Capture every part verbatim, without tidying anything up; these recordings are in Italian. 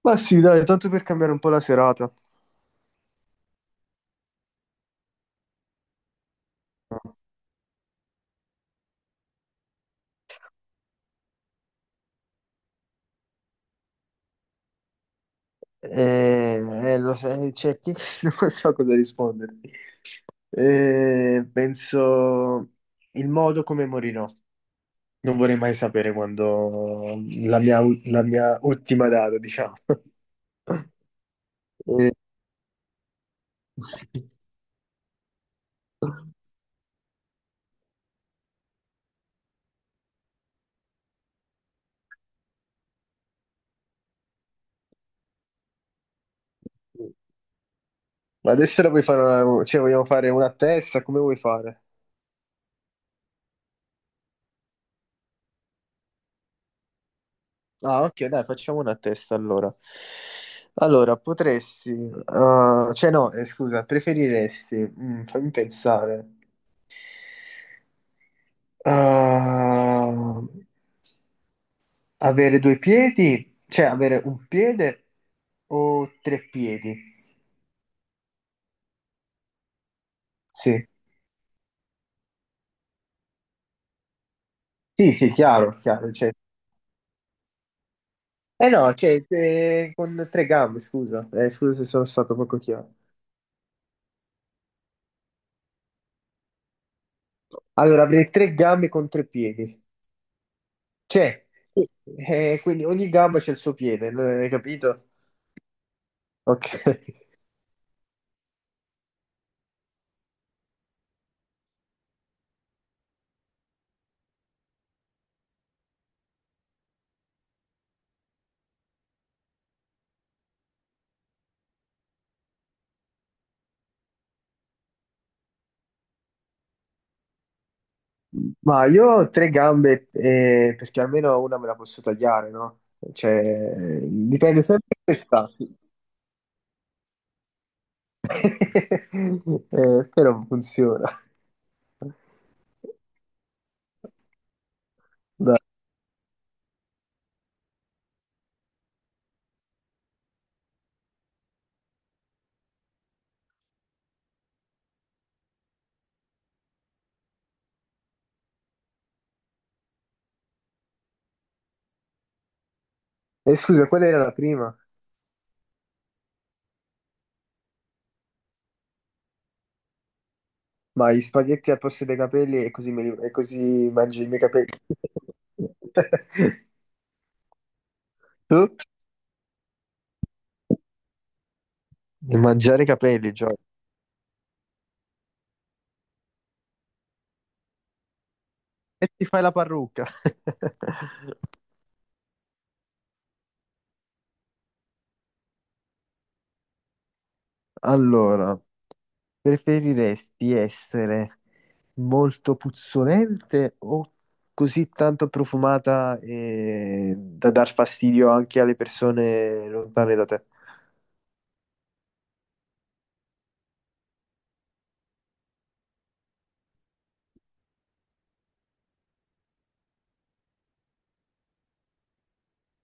Ma sì, dai, tanto per cambiare un po' la serata. Eh, eh, lo sai, c'è chi non so cosa risponderti. Eh, penso il modo come morirò. Non vorrei mai sapere quando la mia, u- la mia ultima data, diciamo. Eh, Ma adesso la puoi fare una, cioè vogliamo fare una a testa, come vuoi fare? Ah, ok, dai, facciamo una a testa allora. Allora, potresti, uh, cioè no, eh, scusa, preferiresti, mm, fammi pensare, uh, avere due piedi, cioè avere un piede o tre piedi? Sì, sì, sì, chiaro, chiaro, cioè- eh no, cioè, eh, con tre gambe, scusa, eh, scusa se sono stato poco chiaro. Allora, avrei tre gambe con tre piedi, cioè, eh, quindi ogni gamba c'è il suo piede, l- hai capito? Ok, ma io ho tre gambe eh, perché almeno una me la posso tagliare, no? Cioè, dipende sempre da dove sta. Eh, però funziona. Dai. E scusa, qual era la prima? Ma gli spaghetti al posto dei capelli e così, me li- e così mangio i miei capelli. Tu? E mangiare i capelli, Gioia. E ti fai la parrucca. Allora. Preferiresti essere molto puzzolente o così tanto profumata e da dar fastidio anche alle persone lontane da te?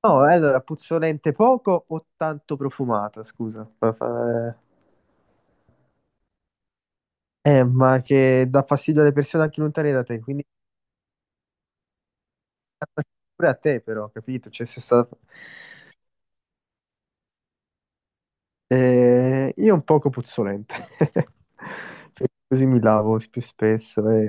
No, eh, allora, puzzolente poco o tanto profumata, scusa. Ma fa- Eh, eh, ma che dà fastidio alle persone anche lontane da te, quindi pure a te però, capito? Cioè, sei stato... Eh, io un poco puzzolente, perché così mi lavo più spesso e...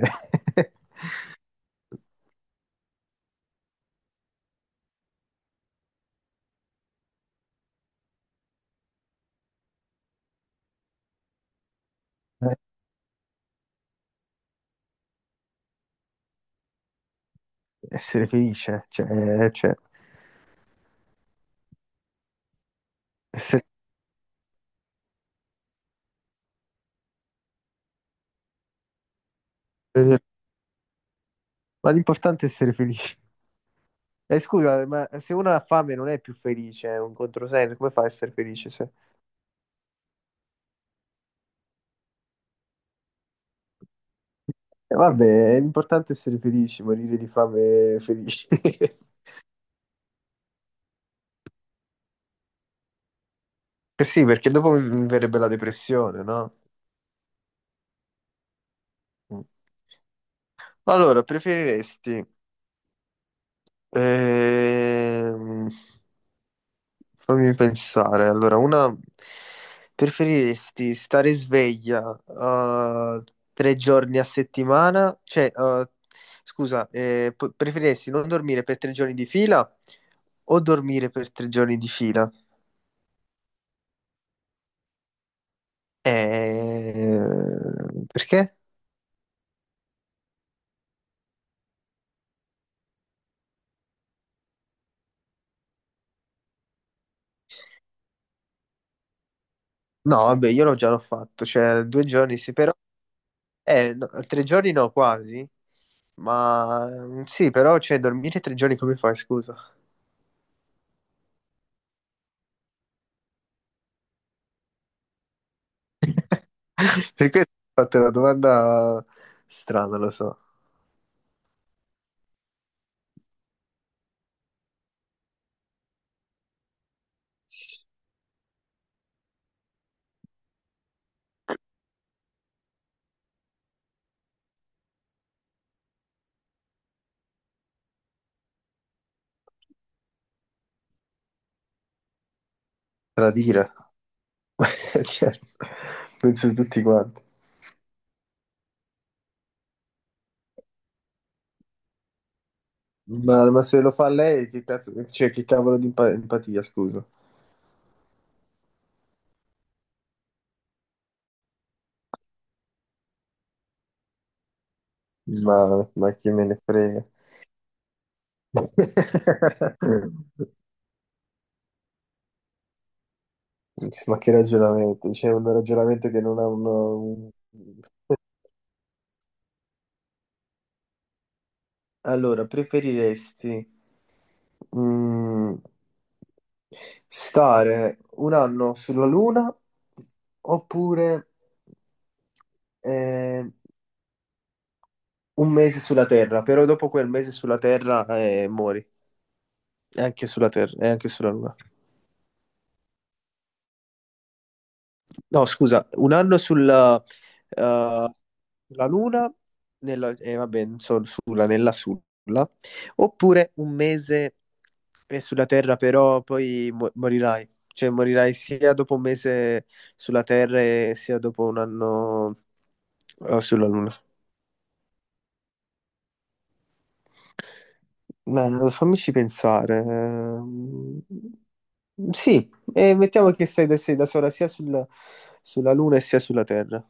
Essere felice, cioè, eh, cioè, essere- eh, ma l'importante è essere felici. Eh, scusa, ma se uno ha fame non è più felice, è un controsenso, come fa a essere felice se... Eh, vabbè, è importante essere felici, morire di fame felici. Eh sì, perché dopo mi mi verrebbe la depressione, no? Mm. Allora, preferiresti ehm, fammi pensare. Allora, una preferiresti stare sveglia eh, tre giorni a settimana? Cioè, eh, scusa, eh, p- preferiresti non dormire per tre giorni di fila o dormire per tre giorni di fila? Eh, perché? No, vabbè, io l'ho già l'ho fatto, cioè due giorni sì, però... Eh, no, tre giorni no, quasi, ma mm, sì, però, cioè, dormire tre giorni come fai, scusa? Perché ti ho fatto una domanda strana, lo so. Tradire. Cioè, penso tutti quanti. Ma, ma se lo fa lei, che cazzo, cioè, che cavolo di empa- empatia, scusa. Ma, ma chi me ne frega? Ma che ragionamento? C'è un ragionamento che non ha un... un- Allora, preferiresti Mm, stare un anno sulla Luna oppure eh, un mese sulla Terra, però dopo quel mese sulla Terra eh, muori, e anche sulla Terra, e anche sulla Luna. No, scusa, un anno sulla, eh, sulla Luna, nella, eh, vabbè, non so, sulla, nella sulla, oppure un mese è sulla Terra, però poi mo- morirai. Cioè, morirai sia dopo un mese sulla Terra e sia dopo un anno, eh, sulla Luna. Beh, fammici pensare. Ehm, Sì, e mettiamo che sei da, sei da sola sia sul- sulla Luna e sia sulla Terra.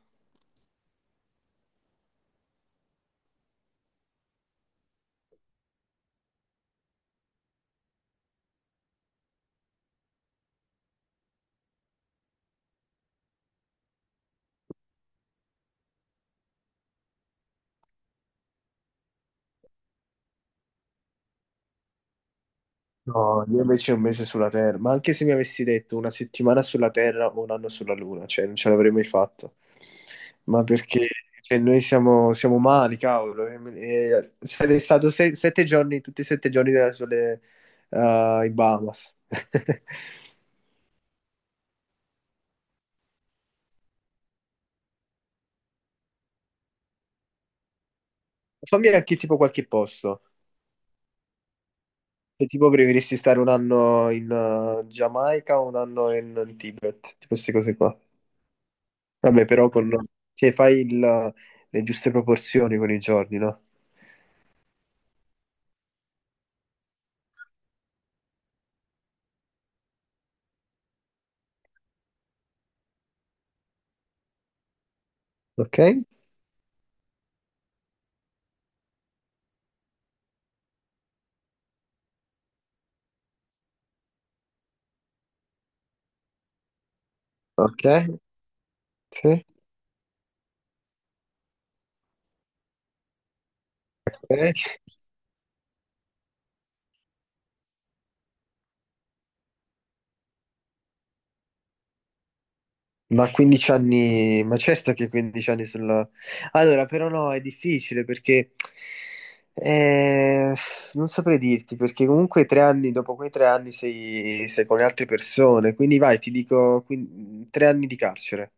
No, io invece un mese sulla Terra, ma anche se mi avessi detto una settimana sulla Terra o un anno sulla Luna, cioè non ce l'avrei mai fatto. Ma perché cioè, noi siamo, siamo umani, cavolo. E- e sarei stato se- sette giorni, tutti e sette giorni della sole, eh, in Bahamas. Fammi anche tipo qualche posto. Cioè, tipo preferisci stare un anno in eh, Giamaica o un anno in, in Tibet, tipo queste cose qua. Vabbè, però con... cioè, fai il- le giuste proporzioni con i giorni, no? Ok, ok, sì, ok. Ma quindici anni, ma certo che quindici anni sulla... Allora, però no, è difficile perché eh, non saprei dirti, perché comunque tre anni, dopo quei tre anni sei, sei con le altre persone, quindi vai, ti dico quin- tre anni di carcere.